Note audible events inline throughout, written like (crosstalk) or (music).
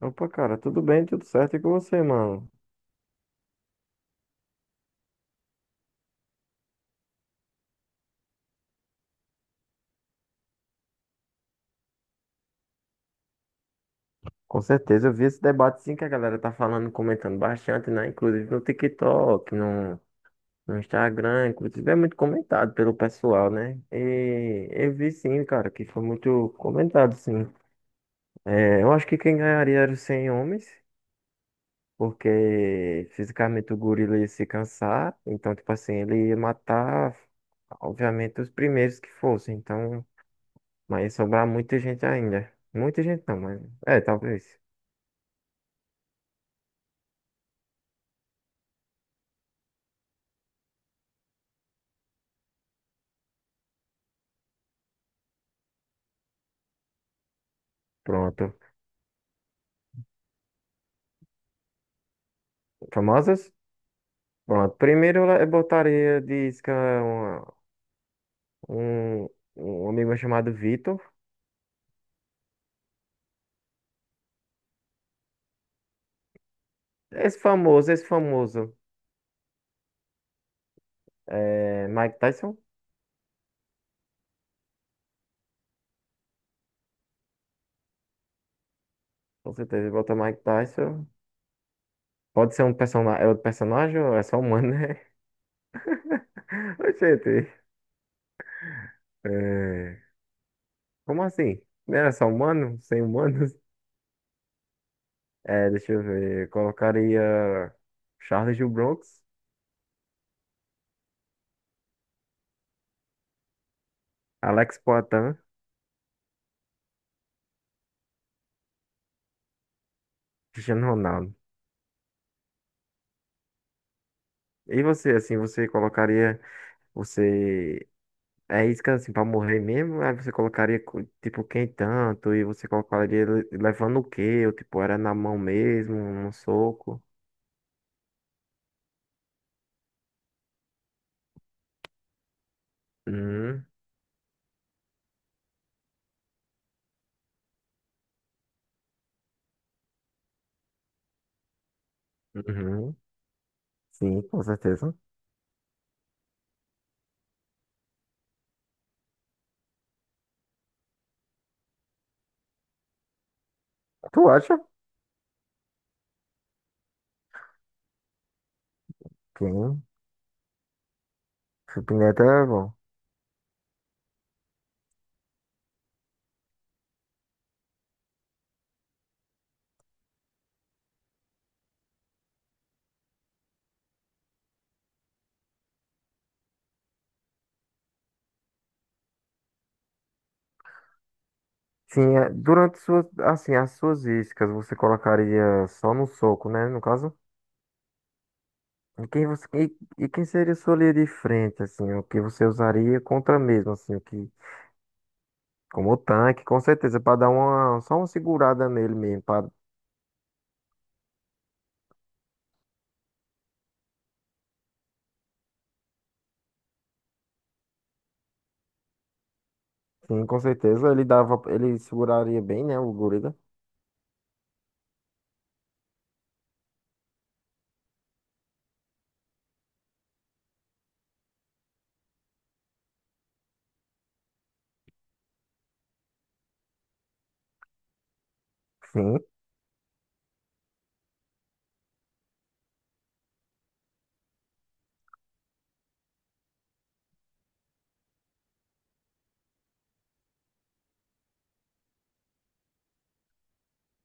Opa, cara, tudo bem, tudo certo e com você, mano? Com certeza, eu vi esse debate sim que a galera tá falando, comentando bastante, né? Inclusive no TikTok, no Instagram, inclusive é muito comentado pelo pessoal, né? E eu vi sim, cara, que foi muito comentado, sim. É, eu acho que quem ganharia era os 100 homens, porque fisicamente o gorila ia se cansar, então, tipo assim, ele ia matar, obviamente, os primeiros que fossem, então... Mas sobrar muita gente ainda. Muita gente não, mas. É, talvez. Pronto. Famosas? Pronto. Primeiro eu botaria de isca um, um, um amigo meu chamado Vitor. Esse famoso, esse famoso. É Mike Tyson. Com certeza, bota Mike Tyson. Pode ser um personagem. É outro personagem ou é só humano, né? (laughs) Ô, gente. É... Como assim? Não era só humano? Sem humanos? É, deixa eu ver. Colocaria Charles do Bronx, Alex Poitin. Cristiano Ronaldo. E você, assim, você colocaria, você é isca, assim, pra morrer mesmo? Aí você colocaria, tipo, quem tanto? E você colocaria levando o quê? Ou, tipo, era na mão mesmo, num soco? Hum, uhum. Sim, com certeza. Tu acha? Sim. Supineta é bom. Sim, é, durante suas, assim, as suas iscas, você colocaria só no soco, né, no caso? E quem você, e quem seria sua linha de frente, assim, o que você usaria contra mesmo, assim, o que Como o tanque, com certeza, para dar uma, só uma segurada nele mesmo. Pra, sim, com certeza, ele dava, ele seguraria bem, né, o gorila. Sim.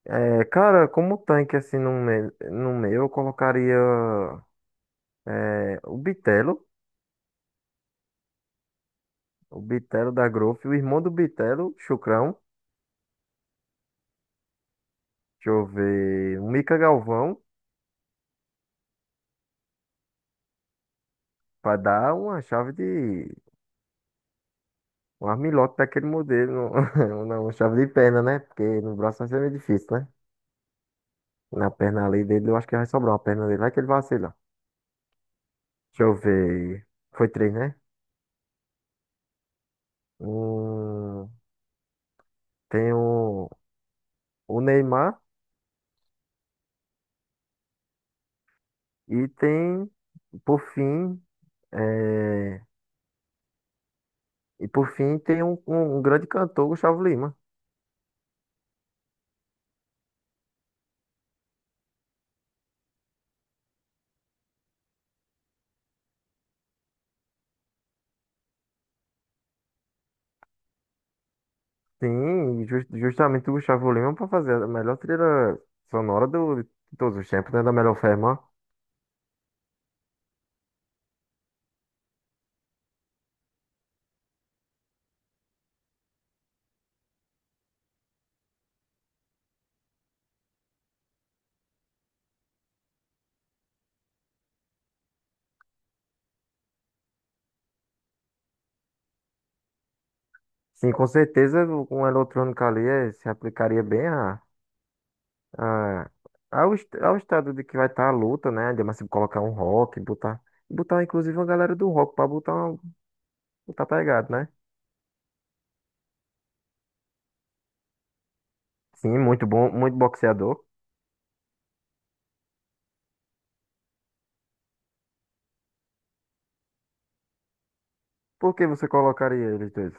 É, cara, como tanque, assim, no meu eu colocaria é, o Bitelo da Growth, o irmão do Bitelo, Chucrão. Deixa eu ver, o Mica Galvão, para dar uma chave de... Um armlock daquele modelo, (laughs) não, uma chave de perna, né? Porque no braço vai ser meio difícil, né? Na perna ali dele, eu acho que vai sobrar uma perna dele, vai que ele vacila. Deixa eu ver. Foi três, né? Um tem o Neymar e tem, por fim, é, e por fim tem um grande cantor, Gustavo Lima. Sim, justamente o Gustavo Lima para fazer a melhor trilha sonora do, de todos os tempos, né? Da melhor forma. Sim, com certeza com a eletrônica ali eh, se aplicaria bem a, ao estado de que vai estar a luta, né? De, mas se colocar um rock, botar inclusive uma galera do rock para botar. Tá pegado, né? Sim, muito bom, muito boxeador. Por que você colocaria eles dois?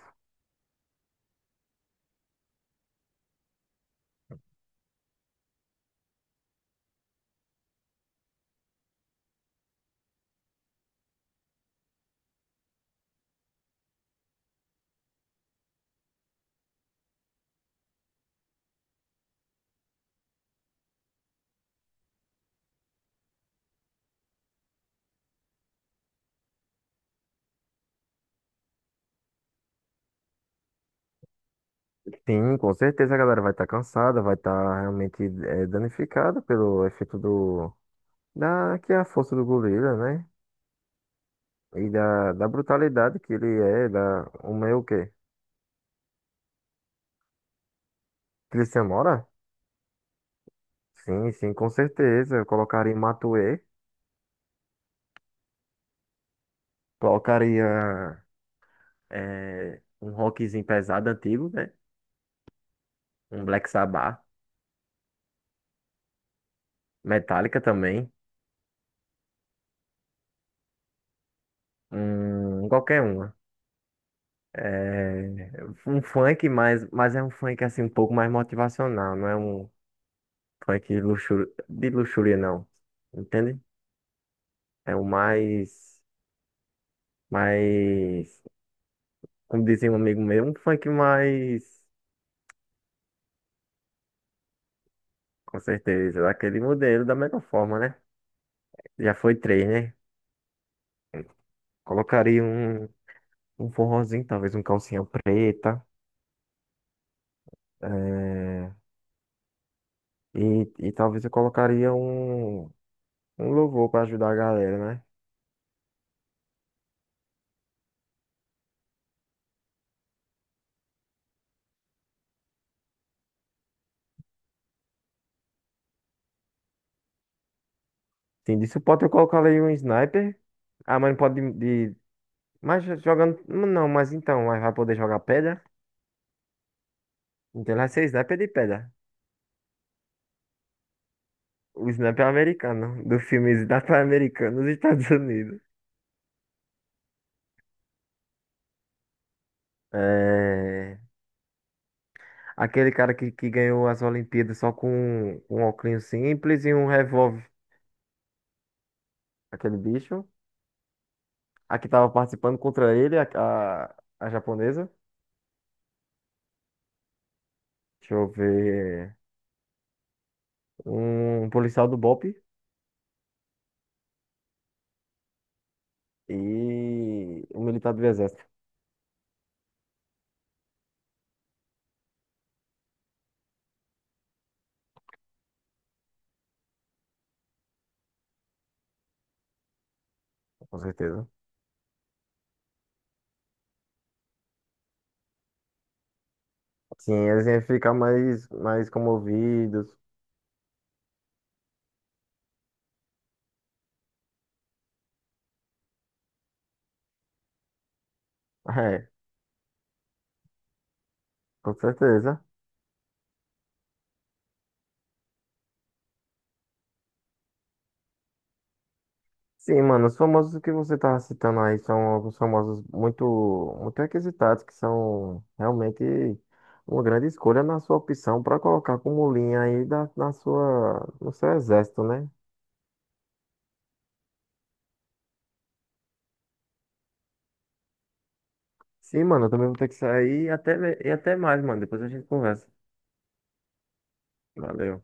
Sim, com certeza a galera vai estar cansada, vai estar realmente eh, danificada pelo efeito do da que é a força do gorila, né? E da brutalidade que ele é, da o meu o quê? Cristian Mora? Sim, sim, com certeza. Eu colocaria Matuê, colocaria eh, um rockzinho pesado antigo, né? Um Black Sabbath, Metallica também, um qualquer um. É, um funk, mas é um funk assim um pouco mais motivacional, não é um funk de luxúria, não. Entende? É o mais, mais, como dizia um amigo meu, um funk mais, com certeza, daquele modelo da melhor forma, né? Já foi três, né? Colocaria um, um forrozinho, talvez um calcinha preta, é, e talvez eu colocaria um, um louvor pra ajudar a galera, né? Sim, de suporte eu colocar ali um sniper. Ah, mas não pode de. Mas jogando. Não, mas então, mas vai poder jogar pedra? Então ele vai ser sniper de pedra. O sniper americano, do filme Sniper Americano nos Estados Unidos. É. Aquele cara que ganhou as Olimpíadas só com um, um óculos simples e um revólver. Aquele bicho. A que tava participando contra ele, a japonesa. Deixa eu ver. Um policial do BOPE e um militar do exército, com certeza. Sim, eles iam ficar mais, mais comovidos. É, com certeza. Sim, mano, os famosos que você tá citando aí são alguns famosos muito, muito requisitados, que são realmente uma grande escolha na sua opção para colocar como linha aí da, na sua, no seu exército, né? Sim, mano, eu também vou ter que sair e até mais, mano. Depois a gente conversa. Valeu.